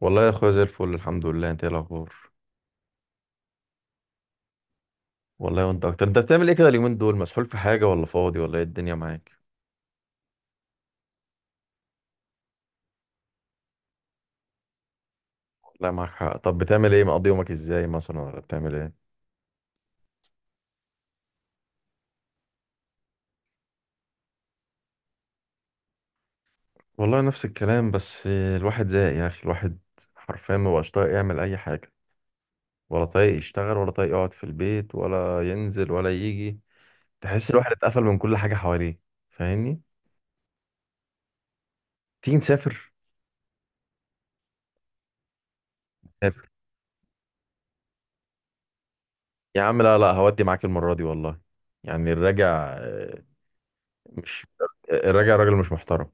والله يا اخويا زي الفل، الحمد لله. انت ايه الاخبار؟ والله وانت اكتر. انت بتعمل ايه كده اليومين دول؟ مسحول في حاجه ولا فاضي ولا ايه الدنيا معاك؟ والله معاك حق. طب بتعمل ايه؟ مقضي يومك ازاي مثلا ولا بتعمل ايه؟ والله نفس الكلام، بس الواحد زهق يا اخي. الواحد حرفيا ما بقاش طايق يعمل اي حاجه، ولا طايق يشتغل ولا طايق يقعد في البيت ولا ينزل ولا يجي. تحس الواحد اتقفل من كل حاجه حواليه، فاهمني؟ تيجي نسافر. نسافر يا عم. لا لا، هودي معاك المره دي والله. يعني آه، مش الراجع راجل مش محترم.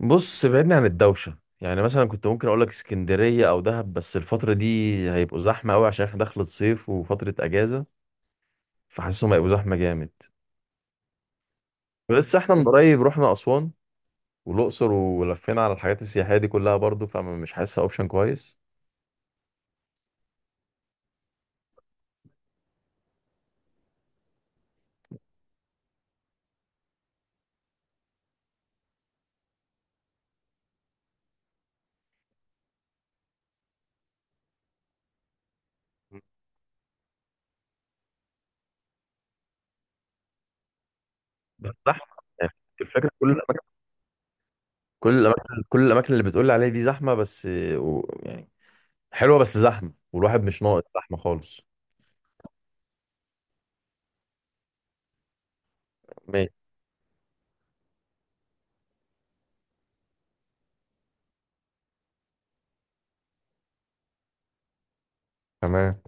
بص بعدني عن الدوشة، يعني مثلا كنت ممكن اقول لك اسكندرية او دهب، بس الفترة دي هيبقوا زحمة قوي عشان احنا دخلت صيف وفترة اجازة، فحاسسهم هيبقوا زحمة جامد. ولسه احنا من قريب رحنا اسوان والاقصر ولفينا على الحاجات السياحية دي كلها برضو، فمش حاسسها اوبشن كويس. بس زحمة يعني. الفكرة كل الاماكن اللي بتقول لي عليها دي زحمة بس، و، يعني، حلوة بس زحمة، والواحد مش ناقص زحمة خالص. ماشي. تمام.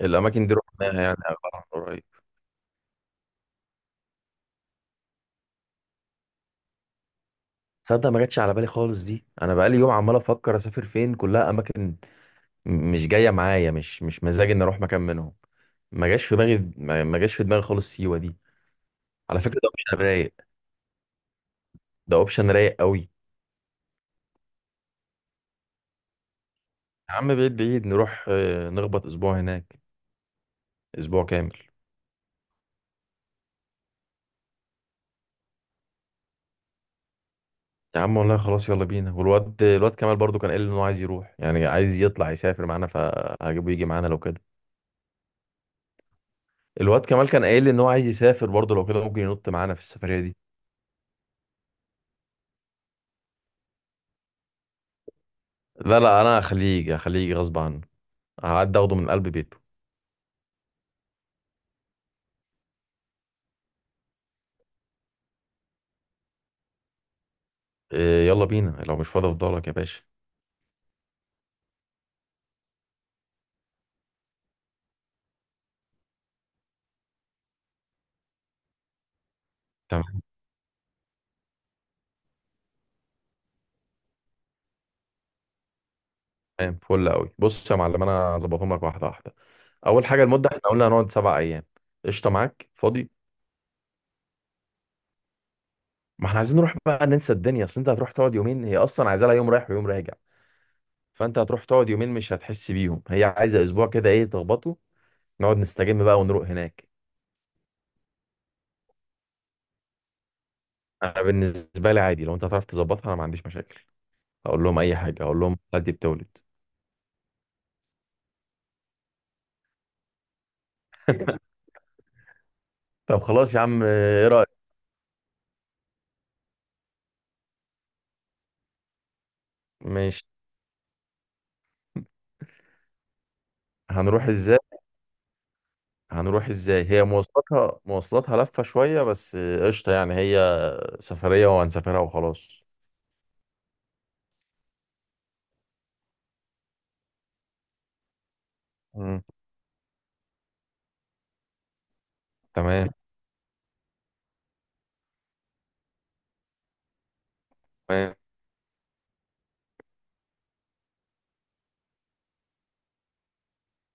الاماكن دي رحناها يعني أغلبها من قريب. تصدق ما جاتش على بالي خالص دي، انا بقالي يوم عمال افكر اسافر فين، كلها اماكن مش جايه معايا، مش مزاجي اني اروح مكان منهم. ما جاش في دماغي، ما جاش في دماغي خالص سيوه دي. على فكره ده اوبشن رايق، ده اوبشن رايق قوي. يا عم بعيد بعيد، نروح نخبط اسبوع هناك، اسبوع كامل. يا عم والله خلاص يلا بينا. والواد كمال برضو كان قايل لي ان هو عايز يروح، يعني عايز يطلع يسافر معانا، فهجيبه يجي معانا لو كده. الواد كمال كان قايل لي ان هو عايز يسافر برضو، لو كده ممكن ينط معانا في السفريه دي. لا لا، انا هخليه يجي هخليه يجي غصب عنه. هعدي اخده من قلب بيته. إيه يلا بينا، لو مش فاضي افضلك يا باشا. تمام. تمام فل قوي. بص يا معلم انا هظبطهم لك واحده واحده. اول حاجه المده، احنا قلنا هنقعد سبع ايام. قشطه؟ معاك فاضي. ما احنا عايزين نروح بقى ننسى الدنيا، اصل انت هتروح تقعد يومين، هي اصلا عايزه لها يوم رايح ويوم راجع، فانت هتروح تقعد يومين مش هتحس بيهم. هي عايزه اسبوع كده ايه تخبطه، نقعد نستجم بقى ونروق هناك. انا بالنسبه لي عادي، لو انت هتعرف تظبطها انا ما عنديش مشاكل. اقول لهم اي حاجه، اقول لهم دي بتولد. طب خلاص يا عم، ايه رايك؟ ماشي. هنروح ازاي هنروح ازاي؟ هي مواصلاتها لفة شوية، بس قشطة يعني. هي سفرية وهنسافرها وخلاص. مم. تمام. تمام.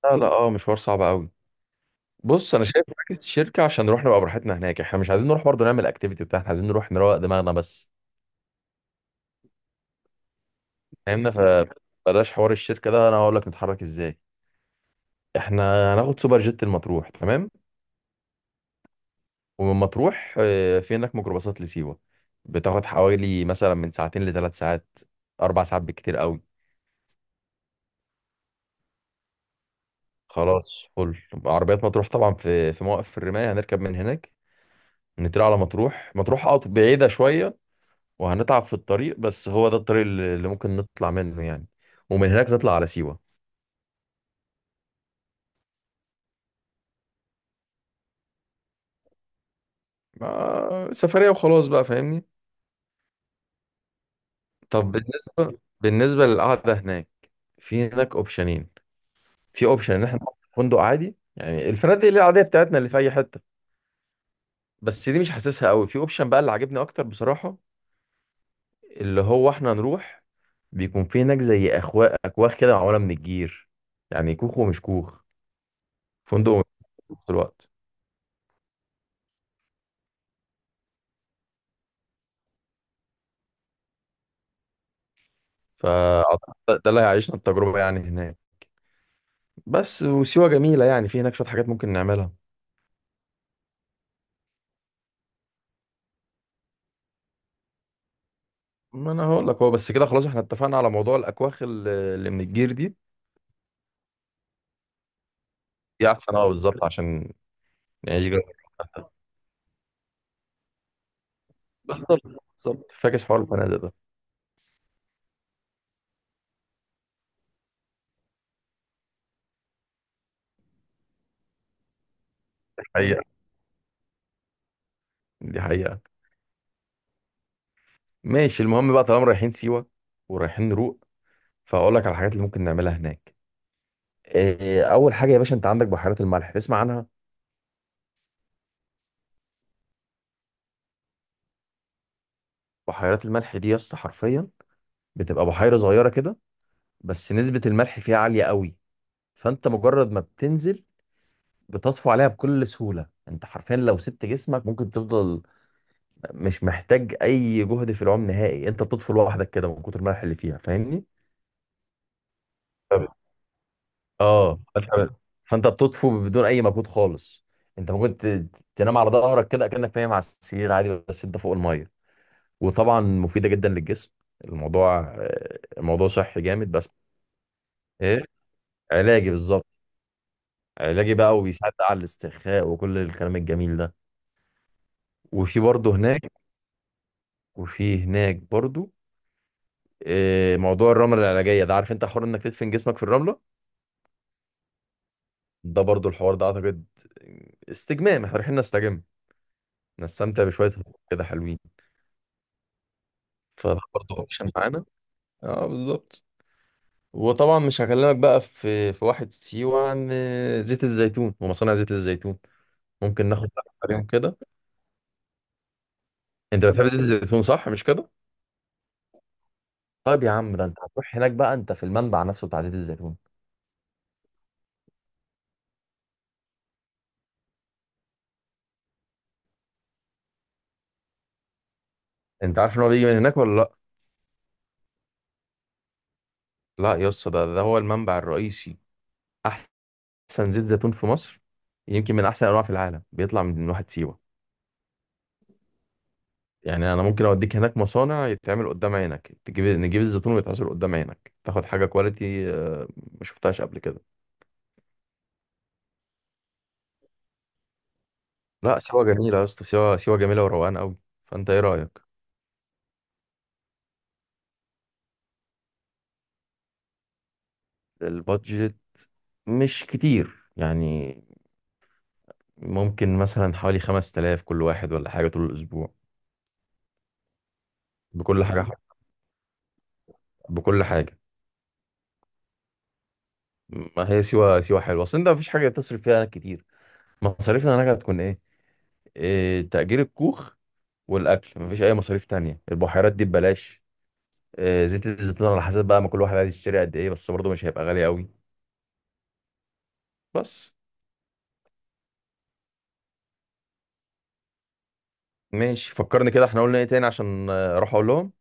لا لا، اه مشوار صعب قوي. بص انا شايف مركز الشركة عشان نروح نبقى براحتنا هناك، احنا مش عايزين نروح برضه نعمل اكتيفيتي بتاعنا، احنا عايزين نروح نروق دماغنا بس، فاهمنا؟ فبلاش حوار الشركة ده، انا هقول لك نتحرك ازاي. احنا هناخد سوبر جيت المطروح. تمام. ومن مطروح في هناك ميكروباصات لسيوة، بتاخد حوالي مثلا من ساعتين لثلاث ساعات، اربع ساعات بالكتير قوي. خلاص فل. عربيات مطروح طبعا في موقف الرماية، هنركب من هناك نطلع على مطروح. مطروح اه بعيدة شوية، وهنتعب في الطريق، بس هو ده الطريق اللي ممكن نطلع منه يعني. ومن هناك نطلع على سيوة. سفرية وخلاص بقى، فاهمني. طب بالنسبة للقعدة هناك، في هناك اوبشنين. في اوبشن ان احنا نقعد في فندق عادي، يعني الفنادق اللي العادية بتاعتنا اللي في اي حتة، بس دي مش حاسسها قوي. في اوبشن بقى اللي عاجبني اكتر بصراحة، اللي هو احنا نروح بيكون في هناك زي أخوا أكواخ كده معمولة من الجير، يعني كوخ ومش كوخ، فندق ومش فندق في الوقت. فأعتقد ده اللي هيعيشنا التجربة يعني هناك. بس وسيوة جميلة يعني، في هناك شوية حاجات ممكن نعملها. ما أنا هقول لك هو. بس كده خلاص احنا اتفقنا على موضوع الأكواخ اللي من الجير دي، دي أحسن أه بالظبط عشان نعيش جو. بالظبط. بالظبط فاكس حوار الفنادق ده. دي حقيقة. دي حقيقة. ماشي المهم بقى، طالما رايحين سيوة ورايحين نروق، فأقول لك على الحاجات اللي ممكن نعملها هناك. إيه، اول حاجه يا باشا، انت عندك بحيرات الملح، تسمع عنها؟ بحيرات الملح دي يا اسطى حرفيا بتبقى بحيره صغيره كده، بس نسبه الملح فيها عاليه قوي، فانت مجرد ما بتنزل بتطفو عليها بكل سهوله. انت حرفيا لو سبت جسمك ممكن تفضل مش محتاج اي جهد في العوم نهائي، انت بتطفو لوحدك كده من كتر الملح اللي فيها، فاهمني؟ طب- اه طب- فانت بتطفو بدون اي مجهود خالص، انت ممكن تنام على ظهرك كده كأنك نايم على السرير عادي، بس انت فوق الميه. وطبعا مفيدة جدا للجسم. الموضوع صحي جامد بس. ايه، علاجي بالظبط. علاجي بقى، وبيساعد بقى على الاسترخاء وكل الكلام الجميل ده. وفي برضه هناك وفي هناك برضه موضوع الرملة العلاجية ده، عارف انت حوار انك تدفن جسمك في الرملة. ده برضه الحوار ده اعتقد استجمام، احنا رايحين نستجم، نستمتع بشوية هدوء كده حلوين. فده برضه اوبشن معانا. اه بالظبط. وطبعا مش هكلمك بقى في واحد سيوة عن زيت الزيتون ومصانع زيت الزيتون. ممكن ناخد عليهم كده. انت بتحب زيت الزيتون صح مش كده؟ طيب يا عم ده انت هتروح هناك بقى انت في المنبع نفسه بتاع زيت الزيتون. انت عارف ان هو بيجي من هناك ولا لا؟ لا يا اسطى ده هو المنبع الرئيسي، احسن زيت زيتون في مصر، يمكن من احسن انواع في العالم بيطلع من واحد سيوه. يعني انا ممكن اوديك هناك مصانع يتعمل قدام عينك، نجيب الزيتون ويتعصر قدام عينك، تاخد حاجه كواليتي ما شفتهاش قبل كده. لا سيوه جميله يا اسطى، سيوه سيوه جميله وروقان قوي. فانت ايه رايك؟ البادجت مش كتير يعني، ممكن مثلا حوالي 5000 كل واحد ولا حاجة طول الأسبوع. بكل حاجة. مم. بكل حاجة. ما هي سيوة، سيوة حلوة، أصل أنت مفيش حاجة تصرف فيها كتير. مصاريفنا هناك هتكون إيه؟ إيه، تأجير الكوخ والأكل، مفيش أي مصاريف تانية، البحيرات دي ببلاش. إيه، زيت الزيتون على حسب بقى ما كل واحد عايز يشتري قد إيه، بس برضه مش هيبقى غالي قوي بس. ماشي، فكرني كده إحنا قلنا إيه تاني عشان أروح أقول لهم.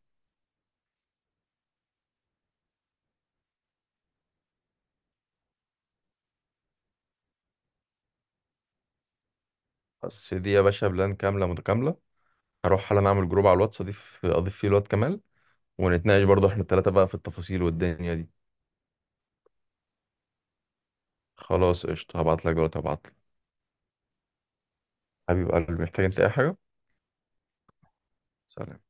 بس دي يا باشا بلان كاملة متكاملة. هروح حالا أعمل جروب على الواتس، أضيف فيه الواد كمال، ونتناقش برضه إحنا التلاتة بقى في التفاصيل والدنيا دي. خلاص قشطة، هبعتلك دلوقتي هبعتلك. حبيب قلبي محتاج انت اي حاجة؟ سلام.